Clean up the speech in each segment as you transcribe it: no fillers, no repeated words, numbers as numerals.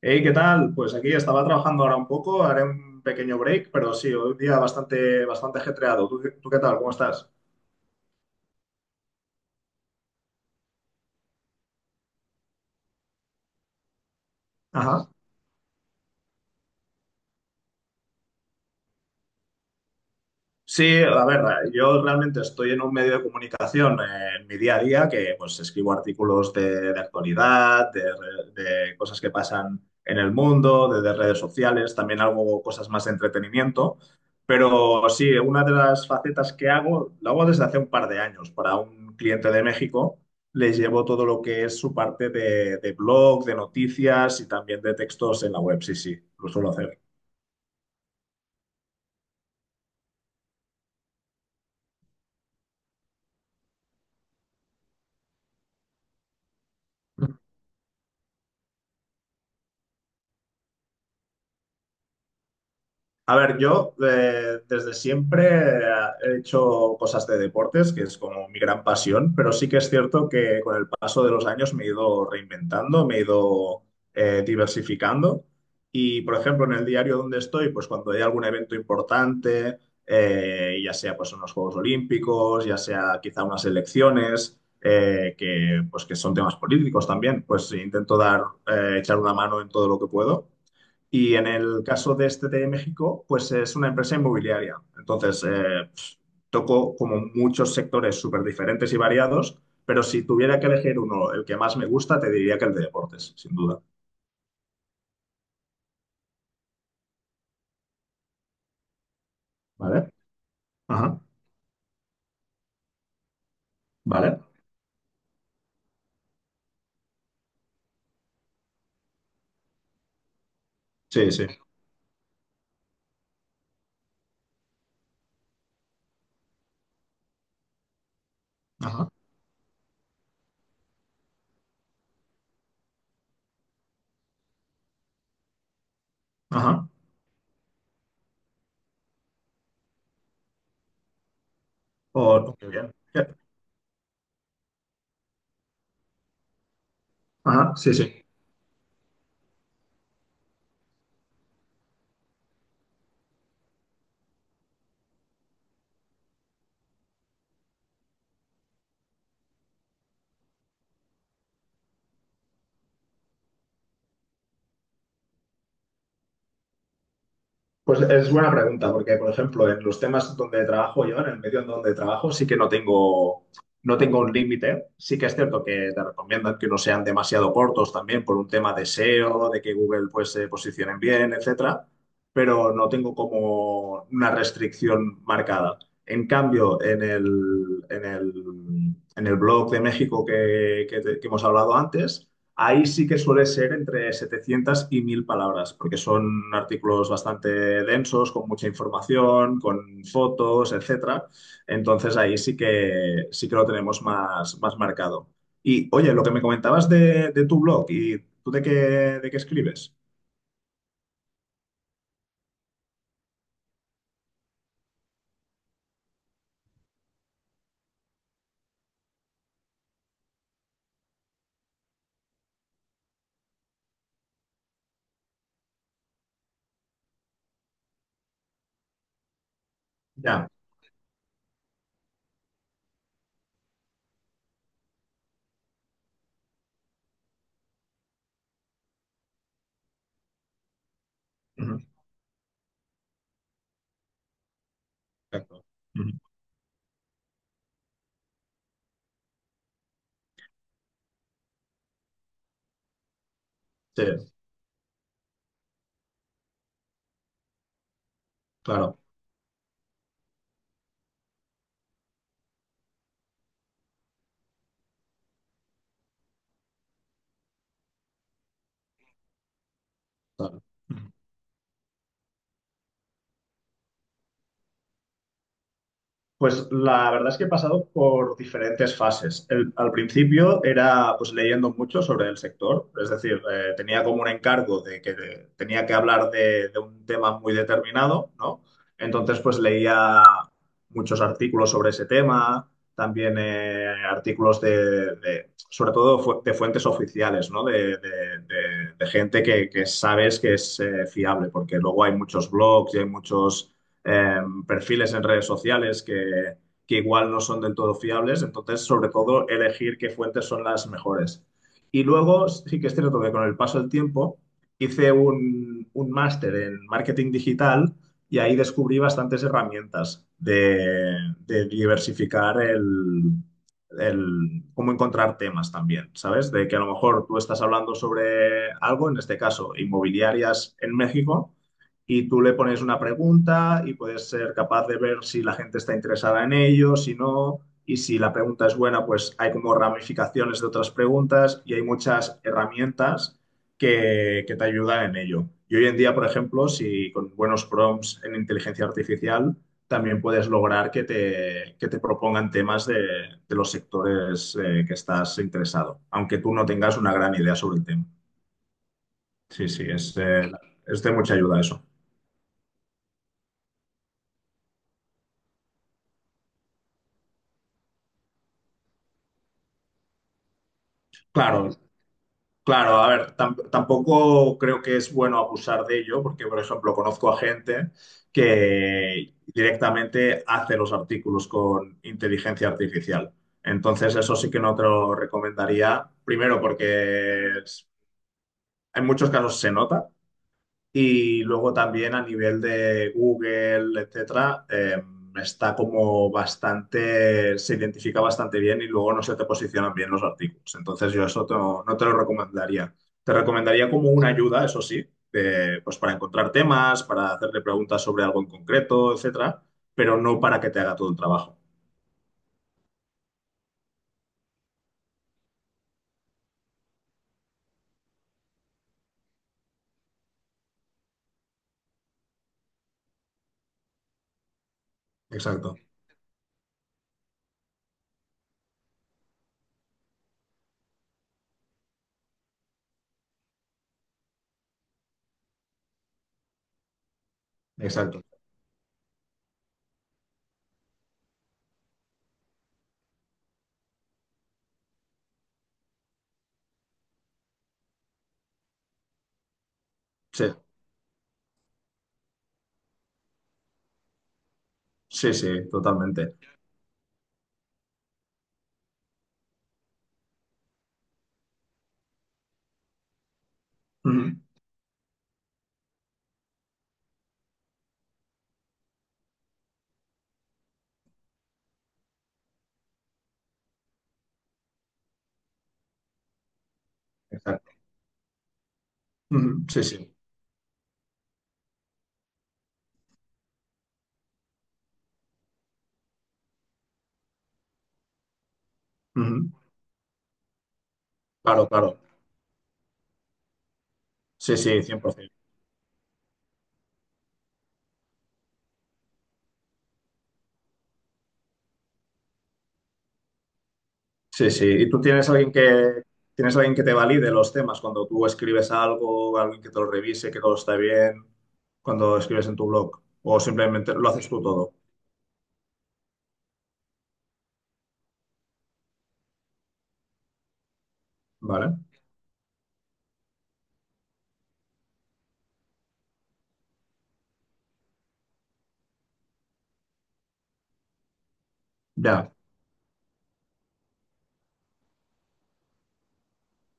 Hey, ¿qué tal? Pues aquí estaba trabajando ahora un poco, haré un pequeño break, pero sí, hoy un día bastante ajetreado. ¿Tú, qué tal? ¿Cómo estás? Ajá. Sí, a ver, yo realmente estoy en un medio de comunicación, en mi día a día que pues escribo artículos de actualidad, de cosas que pasan en el mundo, de redes sociales, también hago cosas más de entretenimiento, pero sí, una de las facetas que hago, lo hago desde hace un par de años para un cliente de México. Les llevo todo lo que es su parte de blog, de noticias y también de textos en la web. Sí, sí, lo suelo hacer. A ver, yo desde siempre he hecho cosas de deportes, que es como mi gran pasión, pero sí que es cierto que con el paso de los años me he ido reinventando, me he ido, diversificando. Y, por ejemplo, en el diario donde estoy, pues cuando hay algún evento importante, ya sea pues unos Juegos Olímpicos, ya sea quizá unas elecciones, que pues que son temas políticos también, pues intento dar, echar una mano en todo lo que puedo. Y en el caso de este de México, pues es una empresa inmobiliaria. Entonces, toco como muchos sectores súper diferentes y variados, pero si tuviera que elegir uno, el que más me gusta, te diría que el de deportes, sin duda. ¿Vale? Ajá. ¿Vale? Sí, sí. Ajá. Ajá. O- muy bien. Ajá. Sí, sí. Pues es buena pregunta, porque, por ejemplo, en los temas donde trabajo yo, en el medio en donde trabajo, sí que no tengo, no tengo un límite. Sí que es cierto que te recomiendan que no sean demasiado cortos también por un tema de SEO, de que Google pues se posicionen bien, etcétera, pero no tengo como una restricción marcada. En cambio, en el blog de México que, que hemos hablado antes, ahí sí que suele ser entre 700 y 1000 palabras, porque son artículos bastante densos, con mucha información, con fotos, etcétera. Entonces ahí sí que lo tenemos más, más marcado. Y oye, lo que me comentabas de tu blog, ¿y tú de qué escribes? Ya. Ujú. Exacto. Ujú. Sí, claro. Claro. Pues la verdad es que he pasado por diferentes fases. Al principio era pues leyendo mucho sobre el sector, es decir, tenía como un encargo de tenía que hablar de un tema muy determinado, ¿no? Entonces pues leía muchos artículos sobre ese tema, también artículos sobre todo de fuentes oficiales, ¿no? De gente que sabes que es, fiable, porque luego hay muchos blogs y hay muchos, eh, perfiles en redes sociales que igual no son del todo fiables. Entonces, sobre todo, elegir qué fuentes son las mejores. Y luego, sí que es cierto que con el paso del tiempo hice un máster en marketing digital y ahí descubrí bastantes herramientas de diversificar cómo encontrar temas también, ¿sabes? De que a lo mejor tú estás hablando sobre algo, en este caso, inmobiliarias en México, y tú le pones una pregunta y puedes ser capaz de ver si la gente está interesada en ello, si no, y si la pregunta es buena, pues hay como ramificaciones de otras preguntas y hay muchas herramientas que te ayudan en ello. Y hoy en día, por ejemplo, si con buenos prompts en inteligencia artificial, también puedes lograr que que te propongan temas de los sectores, que estás interesado, aunque tú no tengas una gran idea sobre el tema. Sí, sí, es de mucha ayuda eso. Claro. Claro, a ver, tampoco creo que es bueno abusar de ello, porque, por ejemplo, conozco a gente que directamente hace los artículos con inteligencia artificial. Entonces, eso sí que no te lo recomendaría. Primero, porque en muchos casos se nota. Y luego también a nivel de Google, etcétera, está como bastante, se identifica bastante bien y luego no se te posicionan bien los artículos. Entonces yo eso no te lo recomendaría. Te recomendaría como una ayuda, eso sí, de, pues para encontrar temas, para hacerle preguntas sobre algo en concreto, etcétera, pero no para que te haga todo el trabajo. Exacto, exacto. Sí, sí, sí, totalmente. Ujú. Exacto. Ujú, sí, sí. Ujú, claro, claro. Sí, sí, 100%. Sí, sí. ¿Y tú tienes alguien que te valide los temas cuando tú escribes algo, alguien que te lo revise, que todo está bien, cuando escribes en tu blog? O simplemente lo haces tú todo, ¿vale? Ya.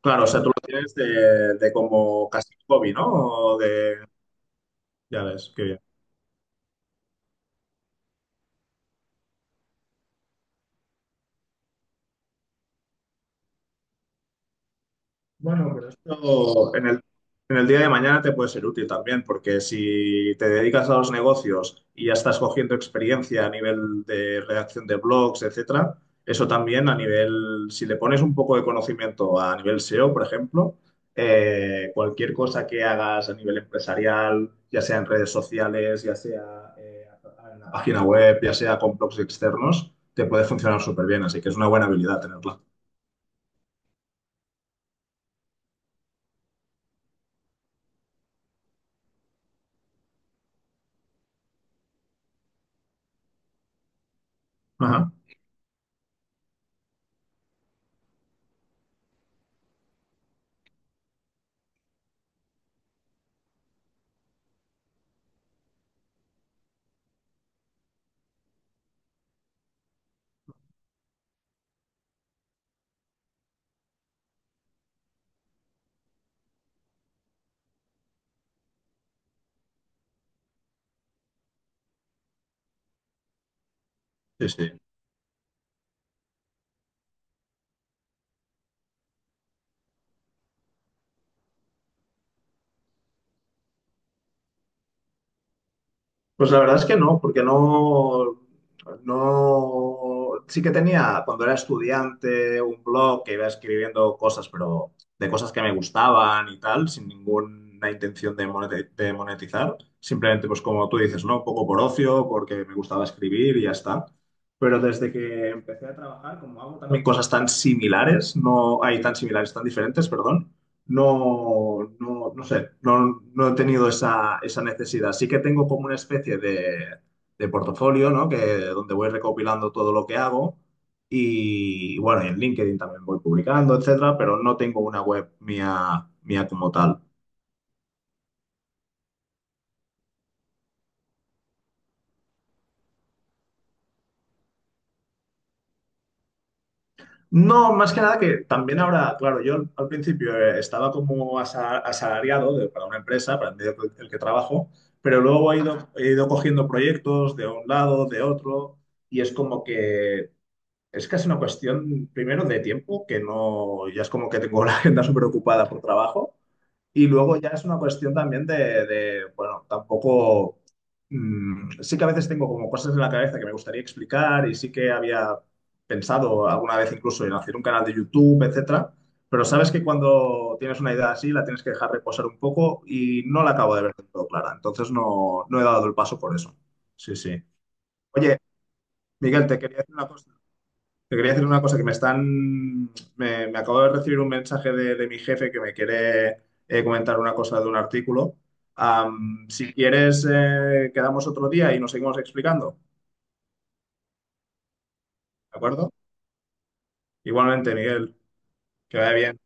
Claro, o sea, tú lo tienes de como casi hobby, ¿no? O de, ya ves, qué bien. Bueno, pero esto en el día de mañana te puede ser útil también, porque si te dedicas a los negocios y ya estás cogiendo experiencia a nivel de redacción de blogs, etcétera, eso también a nivel, si le pones un poco de conocimiento a nivel SEO, por ejemplo, cualquier cosa que hagas a nivel empresarial, ya sea en redes sociales, ya sea, en la página web, ya sea con blogs externos, te puede funcionar súper bien, así que es una buena habilidad tenerla. Ajá. Sí, sí. Pues la verdad es que no, porque no, no, sí que tenía cuando era estudiante un blog que iba escribiendo cosas, pero de cosas que me gustaban y tal, sin ninguna intención de de monetizar, simplemente pues como tú dices, ¿no? Un poco por ocio, porque me gustaba escribir y ya está. Pero desde que empecé a trabajar, como hago también cosas tan similares, no hay tan similares, tan diferentes, perdón, no sé, no, no he tenido esa, esa necesidad. Sí que tengo como una especie de portafolio, ¿no? Que, donde voy recopilando todo lo que hago y bueno, y en LinkedIn también voy publicando, etcétera, pero no tengo una web mía, mía como tal. No, más que nada que también ahora, claro, yo al principio, estaba como asalariado para una empresa, para el medio el que trabajo, pero luego he ido, ajá, he ido cogiendo proyectos de un lado, de otro, y es como que es casi una cuestión, primero, de tiempo, que no, ya es como que tengo la agenda súper ocupada por trabajo, y luego ya es una cuestión también bueno, tampoco, mm, sí que a veces tengo como cosas en la cabeza que me gustaría explicar y sí que había pensado alguna vez incluso en hacer un canal de YouTube, etcétera, pero sabes que cuando tienes una idea así la tienes que dejar reposar un poco y no la acabo de ver del todo clara, entonces no, no he dado el paso por eso. Sí, sí. Oye, Miguel, te quería decir una cosa. Te quería decir una cosa, que me acabo de recibir un mensaje de mi jefe que me quiere, comentar una cosa de un artículo. Am, si quieres, quedamos otro día y nos seguimos explicando, ¿de acuerdo? Igualmente, Miguel, que vaya bien.